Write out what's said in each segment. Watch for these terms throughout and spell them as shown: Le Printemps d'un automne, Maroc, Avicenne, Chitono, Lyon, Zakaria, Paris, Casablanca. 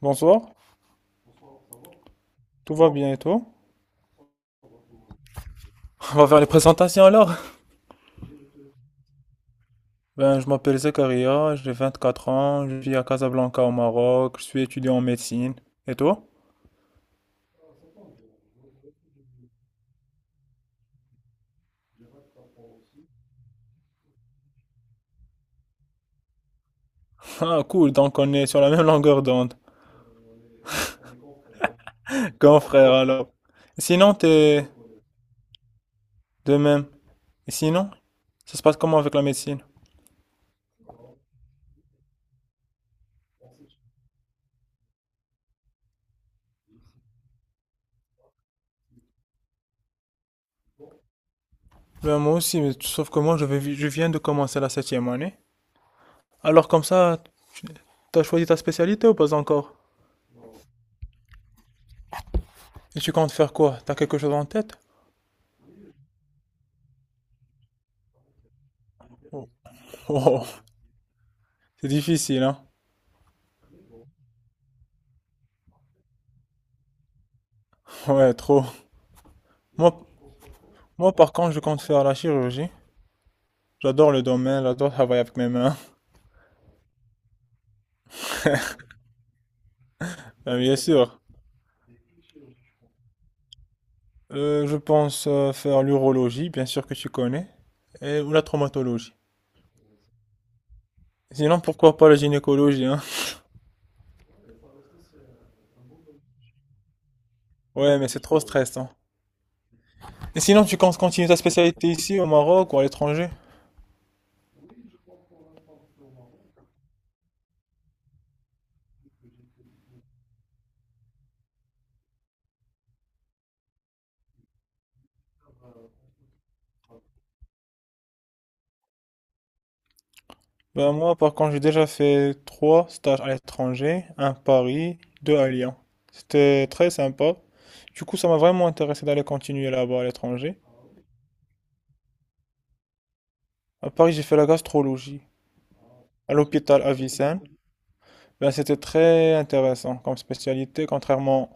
Bonsoir, tout va bien et toi? On va faire les présentations alors. Je m'appelle Zakaria, j'ai 24 ans, je vis à Casablanca au Maroc, je suis étudiant en médecine. Et toi? Ah cool, donc on est sur la même longueur d'onde. Grand frère alors. Et sinon, t'es de même. Et sinon, ça se passe comment avec la médecine? Ben, moi aussi, mais sauf que moi je viens de commencer la 7e année. Alors comme ça, t'as choisi ta spécialité ou pas encore? Et tu comptes faire quoi? T'as quelque chose en tête? Oh, oh, c'est difficile, hein? Ouais, trop. Moi, Moi, par contre, je compte faire la chirurgie. J'adore le domaine, j'adore travailler avec mes mains. Bien sûr. Je pense faire l'urologie, bien sûr que tu connais, et, ou la traumatologie. Sinon, pourquoi pas la gynécologie, hein? Ouais, mais c'est trop stressant. Et sinon, tu comptes continuer ta spécialité ici, au Maroc ou à l'étranger? Ben moi, par contre, j'ai déjà fait trois stages à l'étranger, un à Paris, deux à Lyon. C'était très sympa. Du coup, ça m'a vraiment intéressé d'aller continuer là-bas à l'étranger. À Paris, j'ai fait la gastrologie à l'hôpital Avicenne. Ben, c'était très intéressant comme spécialité.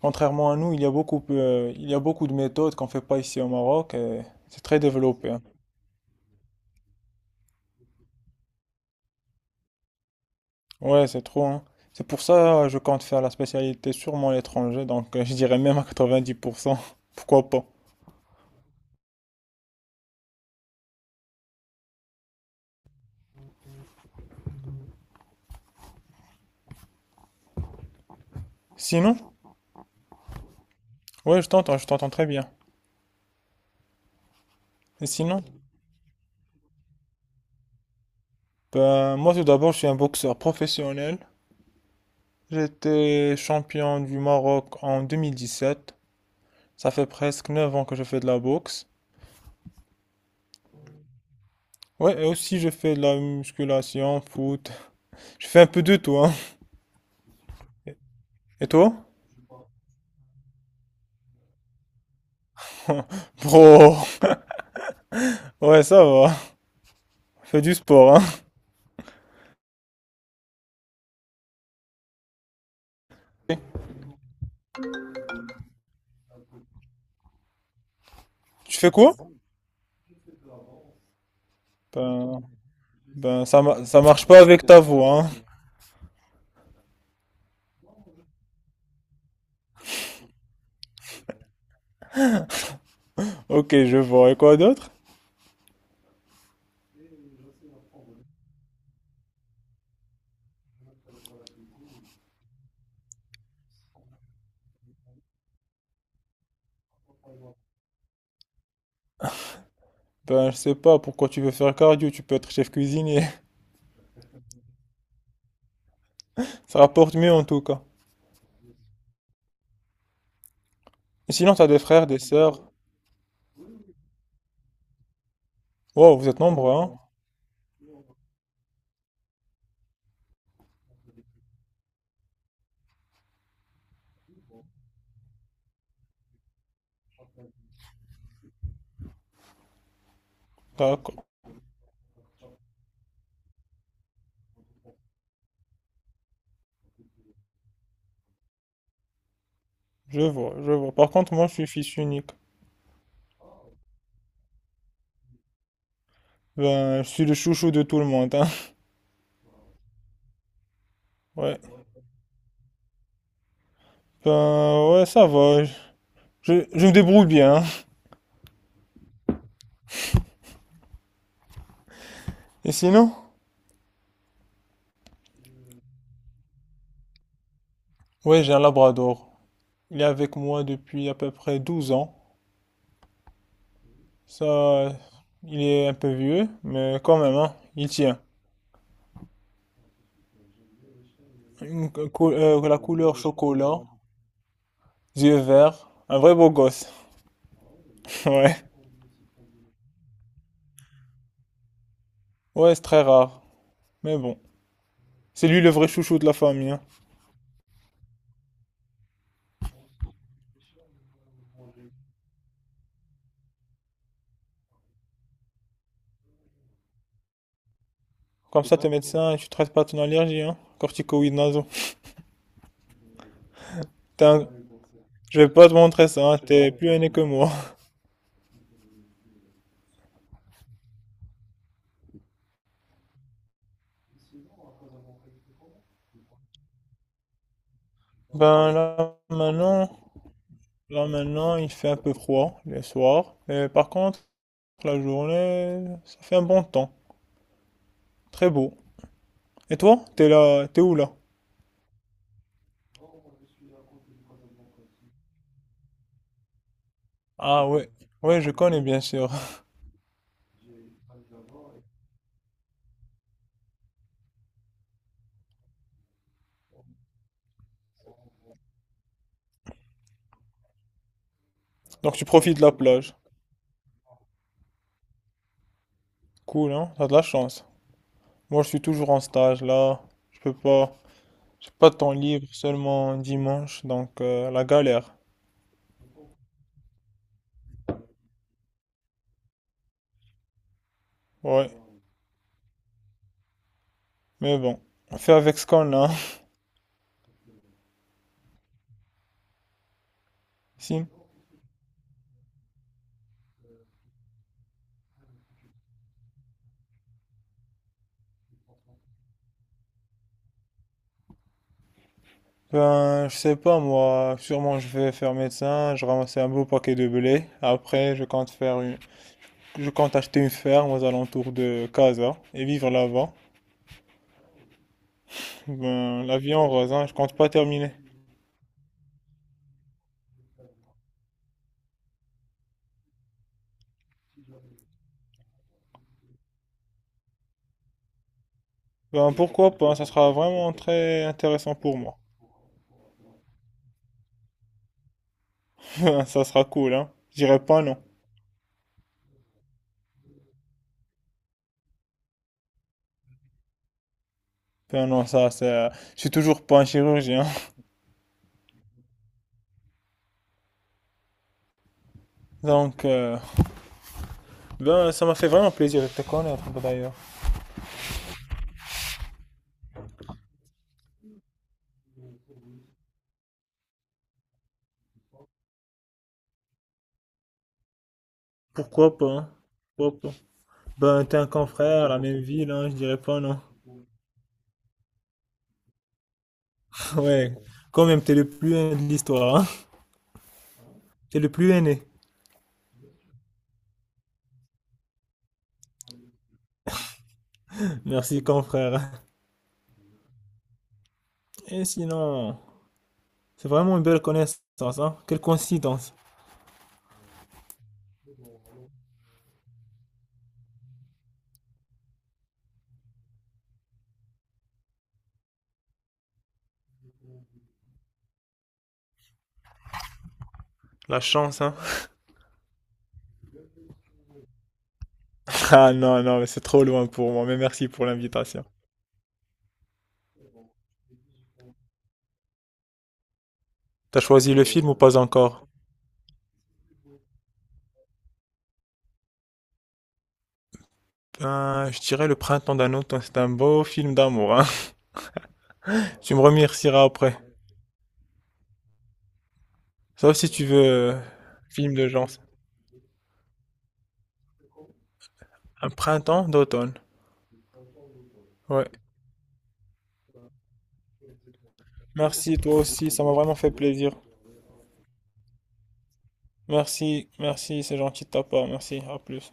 Contrairement à nous, il y a beaucoup de méthodes qu'on ne fait pas ici au Maroc et c'est très développé, hein. Ouais, c'est trop, hein. C'est pour ça que je compte faire la spécialité sûrement à l'étranger, donc je dirais même à 90%. Pourquoi pas? Sinon, ouais, je t'entends très bien. Et sinon, ben, moi tout d'abord, je suis un boxeur professionnel. J'étais champion du Maroc en 2017. Ça fait presque 9 ans que je fais de la boxe. Ouais, et aussi je fais de la musculation, foot. Je fais un peu de tout, hein. Et toi? Bro, ouais, ça va. Fais du sport, hein. Tu fais quoi? Ben, ben ça marche pas avec ta voix, hein. Ok, je vois. Et quoi d'autre? Ben, je sais pas pourquoi tu veux faire cardio. Tu peux être chef cuisinier. Ça rapporte mieux en tout cas. Et sinon, t'as des frères, des sœurs. Wow, vous êtes nombreux, hein? D'accord. Je vois, je vois. Par contre, moi, je suis fils unique. Ben, je suis le chouchou de tout le monde, hein. Ouais. Ben, ouais, ça va. Je me débrouille bien, hein. Et sinon? Ouais, j'ai un labrador. Il est avec moi depuis à peu près 12 ans. Ça, euh, il est un peu vieux, mais quand même, hein, il tient. La couleur chocolat, yeux verts, un vrai beau gosse. Ouais, ouais, c'est très rare. Mais bon, c'est lui le vrai chouchou de la famille, hein. Comme ça, t'es médecin, tu traites pas ton allergie, hein? Corticoïdes nasaux. T'es un- Je vais pas te montrer ça, hein, t'es plus aîné que moi. Ben là, maintenant, Là maintenant, il fait un peu froid les soirs, mais par contre, la journée, ça fait un bon temps, très beau. Et toi, t'es où là? Ah ouais, ouais, je connais bien sûr. Donc tu profites de la plage. Cool, hein? T'as de la chance. Moi, je suis toujours en stage là, je peux pas, j'ai pas de temps libre, seulement dimanche, donc la galère. Ouais, mais bon, on fait avec ce qu'on a. Si. Ben, je sais pas moi, sûrement je vais faire médecin, je ramassais un beau paquet de blé, après je compte faire une Je compte acheter une ferme aux alentours de Casa et vivre là-bas. Ben, la vie en rose, hein, je compte pas terminer. Ben, pourquoi pas, ça sera vraiment très intéressant pour moi. Ben, ça sera cool, hein. Je dirais pas non. Ben non, ça, c'est... euh, Je suis toujours pas un chirurgien. Donc, ben, ça m'a fait vraiment plaisir de te connaître, ben, d'ailleurs. Pourquoi pas, hein. Pourquoi pas. Ben, t'es un confrère, la même ville, hein, je dirais pas non. Ouais, quand même, t'es le plus aîné de l'histoire, hein. T'es le plus aîné. Merci, confrère. Et sinon... C'est vraiment une belle connaissance, hein. Quelle coïncidence. La chance, hein. Ah non, non, mais c'est trop loin pour moi, mais merci pour l'invitation. T'as choisi le film ou pas encore? Ben, je dirais Le Printemps d'un automne, c'est un beau film d'amour, hein. Tu me remercieras après. Sauf si tu veux film de genre. Un printemps d'automne. Ouais. Merci, toi aussi, ça m'a vraiment fait plaisir. Merci, merci, c'est gentil de ta part, merci, à plus.